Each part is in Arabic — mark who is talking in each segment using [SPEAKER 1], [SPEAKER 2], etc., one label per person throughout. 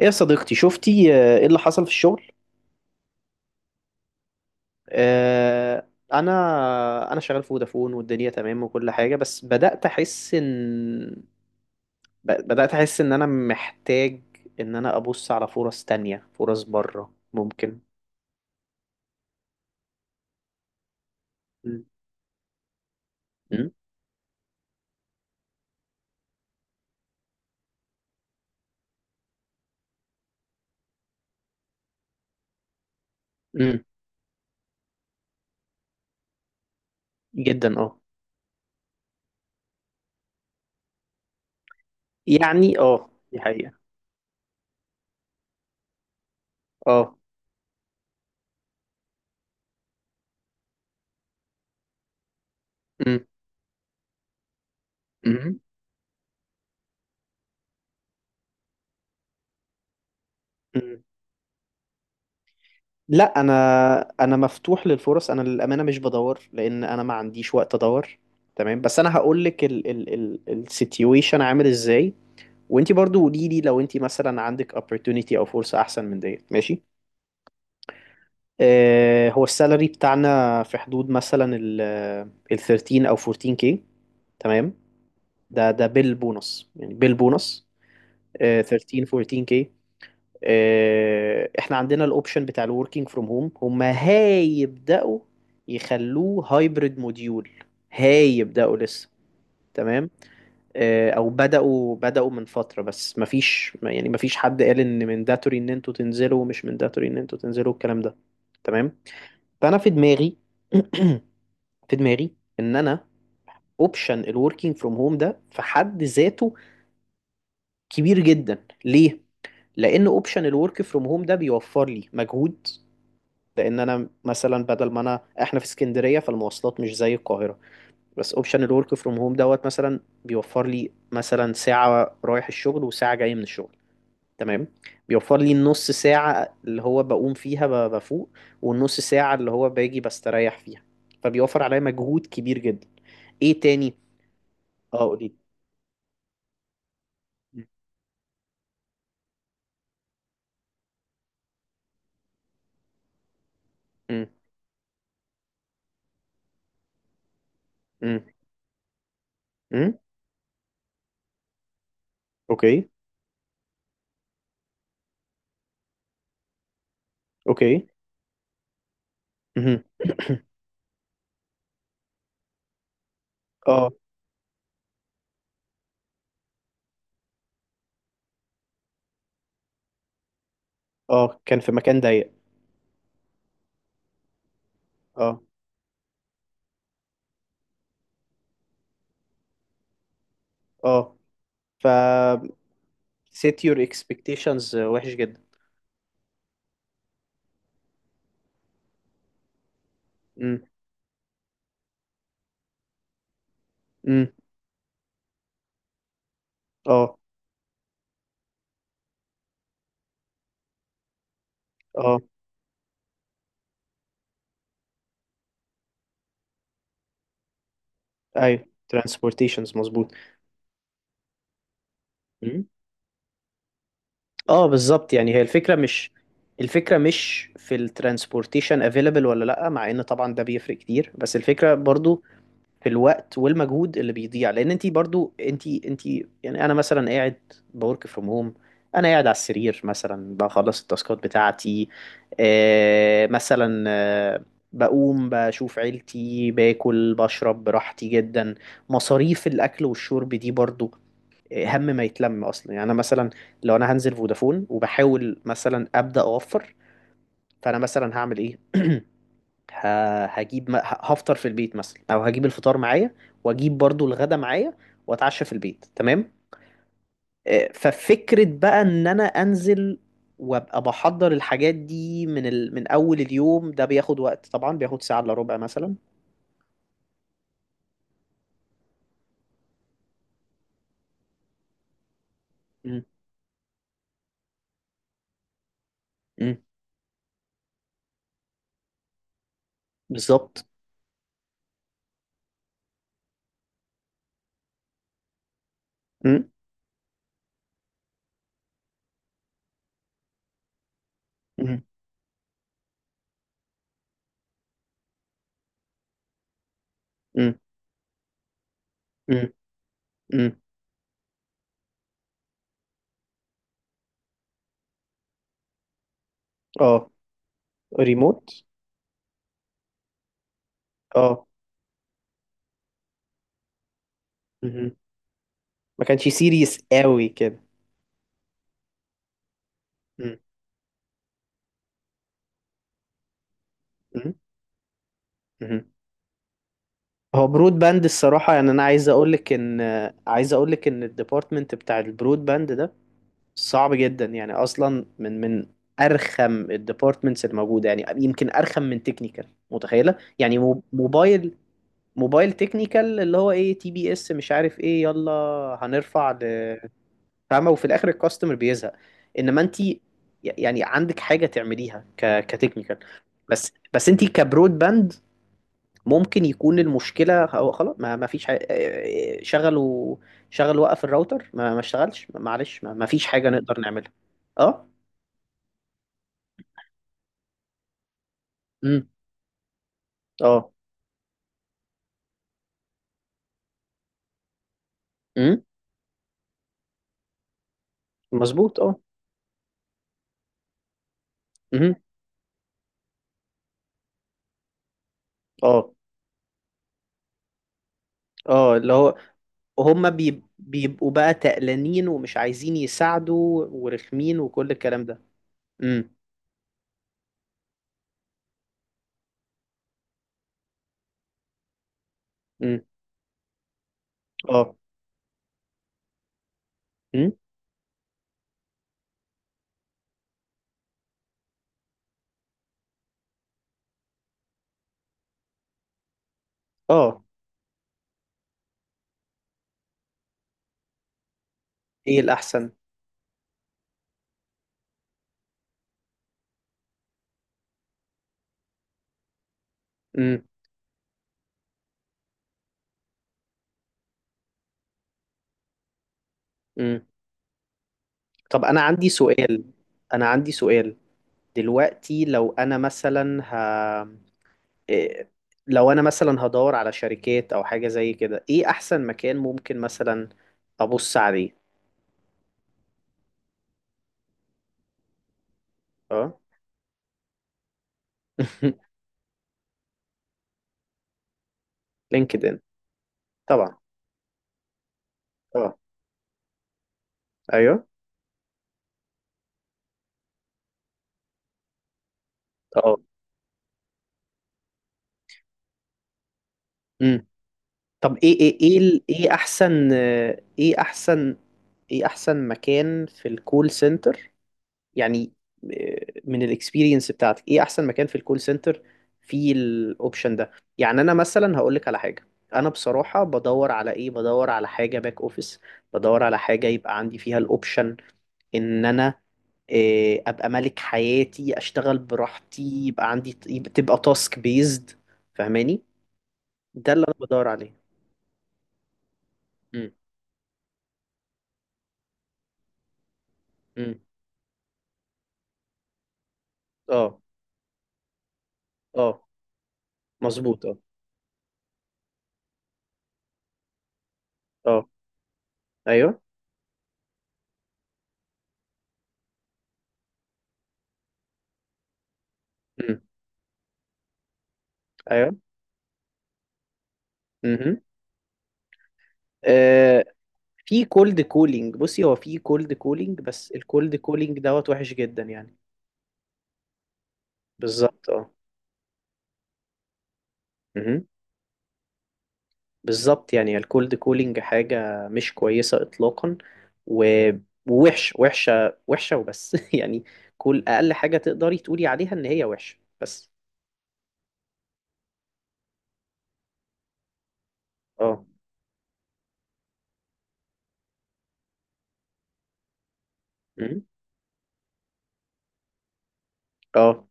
[SPEAKER 1] ايه يا صديقتي، شفتي ايه اللي حصل في الشغل؟ آه، انا انا شغال في فودافون، والدنيا تمام وكل حاجه، بس بدات احس ان بدات احس ان انا محتاج ان انا ابص على فرص تانية، فرص بره ممكن. م- م- م- جدا. اه. يعني اه، دي حقيقه. اه. م- م- م- لا، انا مفتوح للفرص. انا للامانه مش بدور، لان انا ما عنديش وقت ادور. تمام، بس انا هقول لك ال السيتويشن عامل ازاي، وانت برضو قولي لي لو انت مثلا عندك opportunity او فرصه احسن من ديت، ماشي. هو السالري بتاعنا في حدود مثلا ال 13 او 14 كي، تمام. ده بالبونص، يعني بالبونص. آه، 13 14 كي. احنا عندنا الاوبشن بتاع الوركينج فروم هوم، هم هيبداوا يخلوه هايبرد موديول، هيبداوا لسه. تمام. او بداوا من فتره، بس مفيش، يعني مفيش حد قال ان منداتوري ان انتوا تنزلوا ومش منداتوري ان انتوا تنزلوا، الكلام ده. تمام. فانا في دماغي في دماغي ان انا اوبشن الوركينج فروم هوم ده في حد ذاته كبير جدا ليه. لان اوبشن الورك فروم هوم ده بيوفر لي مجهود. لان انا مثلا بدل ما انا، احنا في اسكندريه، فالمواصلات مش زي القاهره. بس اوبشن الورك فروم هوم دوت مثلا بيوفر لي مثلا ساعه رايح الشغل وساعه جاي من الشغل، تمام. بيوفر لي النص ساعه اللي هو بقوم فيها بفوق، والنص ساعه اللي هو باجي بستريح فيها. فبيوفر عليا مجهود كبير جدا. ايه تاني؟ اه، قولي. امم. امم. امم. اوكي. اوكي. مهم. اه. اه، كان في مكان ضيق. اه. اه. ف set your expectations. وحش جدا. امم. امم. اه. اه. ايوه. Transportations، مظبوط. مم. اه، بالظبط، يعني هي الفكرة مش في ال transportation available ولا لأ، مع ان طبعا ده بيفرق كتير، بس الفكرة برضو في الوقت والمجهود اللي بيضيع، لان انت برضو انت. يعني انا مثلا قاعد بورك فروم هوم، انا قاعد على السرير مثلا بخلص التاسكات بتاعتي. مثلا بقوم بشوف عيلتي، باكل، بشرب براحتي جدا. مصاريف الاكل والشرب دي برضو هم ما يتلم اصلا. يعني انا مثلا لو انا هنزل فودافون، وبحاول مثلا ابدا اوفر، فانا مثلا هعمل ايه؟ هفطر في البيت مثلا، او هجيب الفطار معايا، واجيب برضو الغدا معايا، واتعشى في البيت، تمام. ففكرة بقى ان انا انزل وابقى بحضر الحاجات دي من اول اليوم، ده بياخد وقت طبعا، بياخد ساعة الا ربع مثلا. مم. مم. بالظبط. مم. مم. مم. مم. مم. اه، ريموت. اه. مهم. ما كانش سيريس قوي كده. مم. مم. مهم. هو برود باند الصراحة، يعني أنا عايز أقولك إن الديبارتمنت بتاع البرود باند ده صعب جدا، يعني أصلا من أرخم الديبارتمنتس الموجودة، يعني يمكن أرخم من تكنيكال متخيلة، يعني موبايل تكنيكال اللي هو إيه تي بي إس مش عارف إيه، يلا هنرفع فاهمة، وفي الآخر الكاستمر بيزهق. إنما أنت يعني عندك حاجة تعمليها كتكنيكال، بس أنت كبرود باند ممكن يكون المشكلة هو خلاص، ما فيش حاجة. شغلوا شغل، وقف الراوتر ما اشتغلش، معلش، ما فيش حاجة نقدر نعملها. اه. امم. اه. امم. مظبوط. اه. امم. اه. اه، اللي هو هم بيبقوا بقى تقلانين ومش عايزين يساعدوا ورخمين وكل الكلام ده. امم. امم. اه. امم. اه. ايه الأحسن؟ امم. امم. طب، أنا عندي سؤال. دلوقتي لو أنا مثلا إيه، لو انا مثلا هدور على شركات او حاجة زي كده، ايه احسن مكان ممكن مثلا ابص عليه؟ اه. لينكد ان، طبعا. اه. ايوه. اه. امم. طب، ايه ايه احسن آه، ايه احسن ايه احسن مكان في الكول سنتر يعني؟ من الاكسبيرينس بتاعتك ايه احسن مكان في الكول سنتر فيه الاوبشن ده؟ يعني انا مثلا هقول لك على حاجه. انا بصراحه بدور على ايه، بدور على حاجه باك اوفيس. بدور على حاجه يبقى عندي فيها الاوبشن ان انا ابقى ملك حياتي، اشتغل براحتي، يبقى عندي، تبقى تاسك بيزد. فاهماني؟ ده اللي انا بدور عليه. امم. امم. اه. اه، مظبوط. اه. اه. ايوه. امم. ايوه. امم. في كولد كولينج، بصي، هو في كولد كولينج، بس الكولد كولينج دوت وحش جدا يعني. بالظبط. اه. مهم. بالظبط، يعني الكولد كولينج حاجة مش كويسة إطلاقا. و- ووحش، وحشة وحشة وبس. يعني كل أقل حاجة تقدري تقولي عليها، إن هي وحشة، بس. اه. مهم. اه.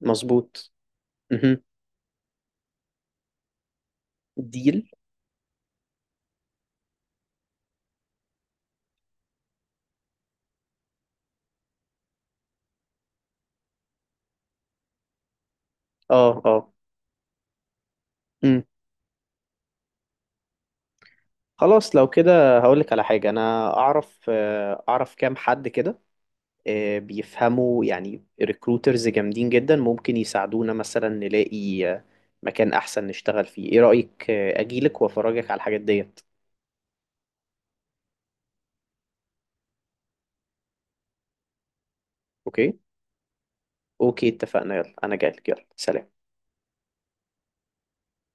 [SPEAKER 1] مظبوط. مهم. ديل. اه. اه. مم. خلاص لو كده هقولك على حاجة، أنا أعرف آه، أعرف كام حد كده آه، بيفهموا، يعني ريكروترز جامدين جدا، ممكن يساعدونا مثلا نلاقي مكان احسن نشتغل فيه. ايه رأيك اجيلك وافرجك على الحاجات ديت؟ اوكي. اوكي، اتفقنا. يلا، انا جايلك. يلا، سلام.